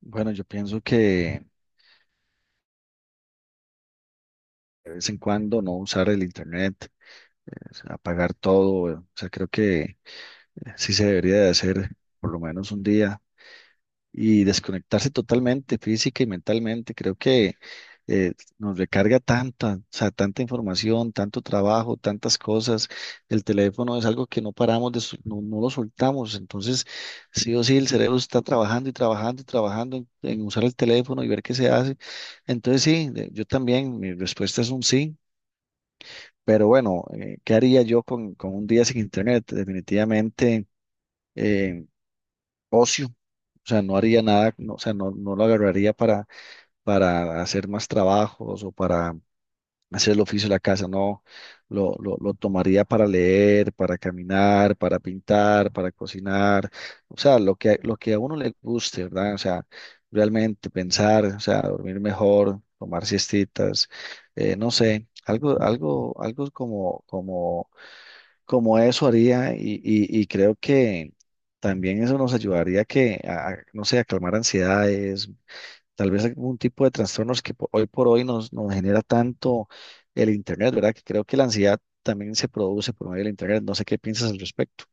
Bueno, yo pienso que de vez en cuando no usar el internet, es apagar todo, o sea, creo que sí se debería de hacer por lo menos un día, y desconectarse totalmente física y mentalmente. Creo que nos recarga tanta, o sea, tanta información, tanto trabajo, tantas cosas. El teléfono es algo que no paramos no, no lo soltamos. Entonces, sí o sí, el cerebro está trabajando y trabajando y trabajando en usar el teléfono y ver qué se hace. Entonces, sí, yo también, mi respuesta es un sí. Pero bueno, ¿qué haría yo con un día sin internet? Definitivamente eh, ocio. O sea, no haría nada, no, o sea, no lo agarraría para hacer más trabajos o para hacer el oficio de la casa, no. Lo tomaría para leer, para caminar, para pintar, para cocinar. O sea, lo que a uno le guste, ¿verdad? O sea, realmente pensar, o sea, dormir mejor, tomar siestitas, no sé, algo como, como como eso haría y creo que también eso nos ayudaría que, a, no sé, a calmar ansiedades, tal vez algún tipo de trastornos que hoy por hoy nos genera tanto el Internet, ¿verdad? Que creo que la ansiedad también se produce por medio del Internet. No sé qué piensas al respecto.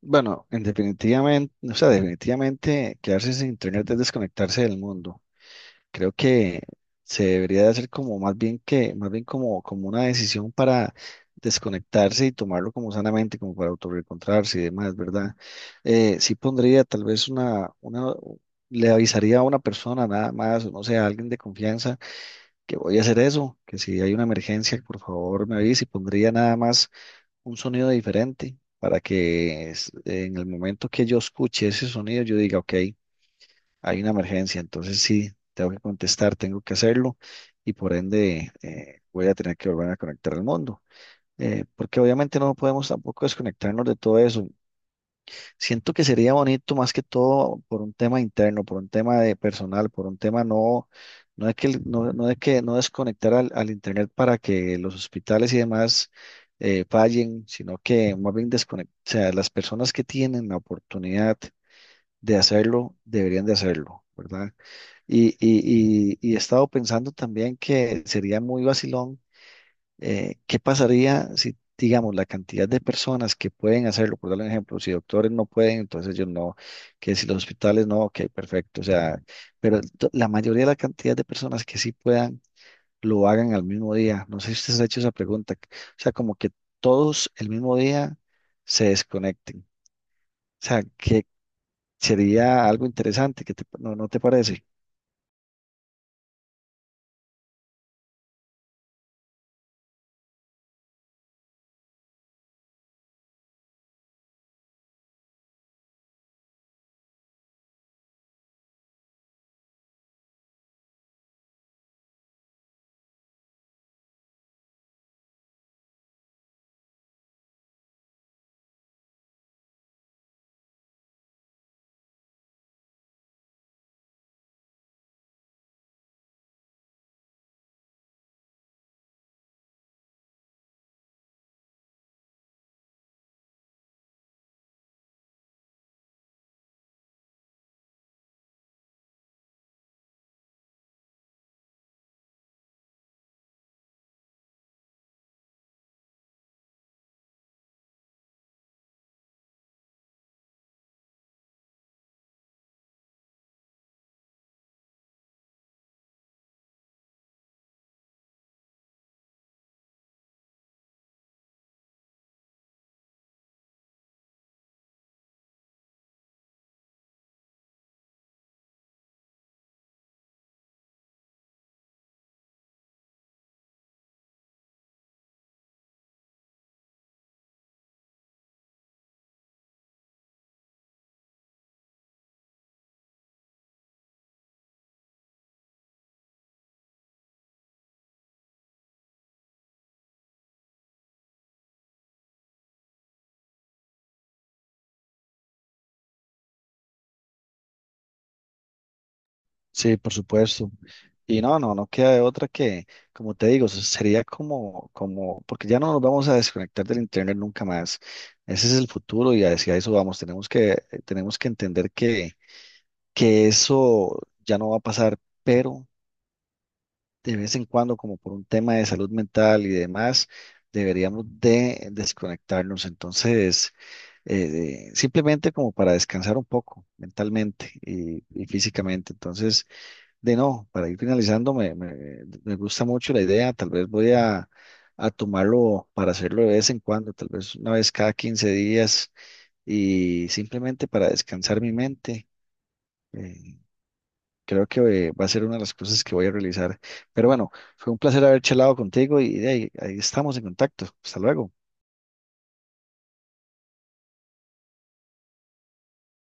Bueno, en definitivamente, o sea, definitivamente quedarse sin Internet es desconectarse del mundo. Creo que se debería de hacer como más bien más bien como, como una decisión para desconectarse y tomarlo como sanamente, como para autorreencontrarse y demás, ¿verdad? Sí pondría tal vez una, le avisaría a una persona nada más, o no sé, a alguien de confianza que voy a hacer eso, que si hay una emergencia, por favor me avise y pondría nada más un sonido diferente para que en el momento que yo escuche ese sonido yo diga, ok, hay una emergencia, entonces sí, tengo que contestar, tengo que hacerlo y por ende voy a tener que volver a conectar al mundo. Porque obviamente no podemos tampoco desconectarnos de todo eso. Siento que sería bonito más que todo por un tema interno, por un tema de personal, por un tema no, no de que, no, no de que no desconectar al internet para que los hospitales y demás fallen, sino que más bien desconectar, o sea, las personas que tienen la oportunidad de hacerlo, deberían de hacerlo, ¿verdad? Y he estado pensando también que sería muy vacilón, ¿qué pasaría si, digamos, la cantidad de personas que pueden hacerlo, por darle un ejemplo, si doctores no pueden, entonces ellos no, que si los hospitales no, ok, perfecto, o sea, pero la mayoría de la cantidad de personas que sí puedan, lo hagan al mismo día. No sé si ustedes han hecho esa pregunta, o sea, como que todos el mismo día se desconecten, o sea, que sería algo interesante, que no, ¿no te parece? Sí, por supuesto. Y no queda de otra que, como te digo, sería como, porque ya no nos vamos a desconectar del internet nunca más. Ese es el futuro y hacia eso vamos. Tenemos que entender que eso ya no va a pasar, pero de vez en cuando, como por un tema de salud mental y demás, deberíamos de desconectarnos. Entonces, simplemente como para descansar un poco mentalmente y físicamente. Entonces, de no, para ir finalizando, me gusta mucho la idea. Tal vez voy a tomarlo para hacerlo de vez en cuando, tal vez una vez cada 15 días y simplemente para descansar mi mente. Eh, creo que va a ser una de las cosas que voy a realizar. Pero bueno, fue un placer haber charlado contigo y de ahí estamos en contacto. Hasta luego.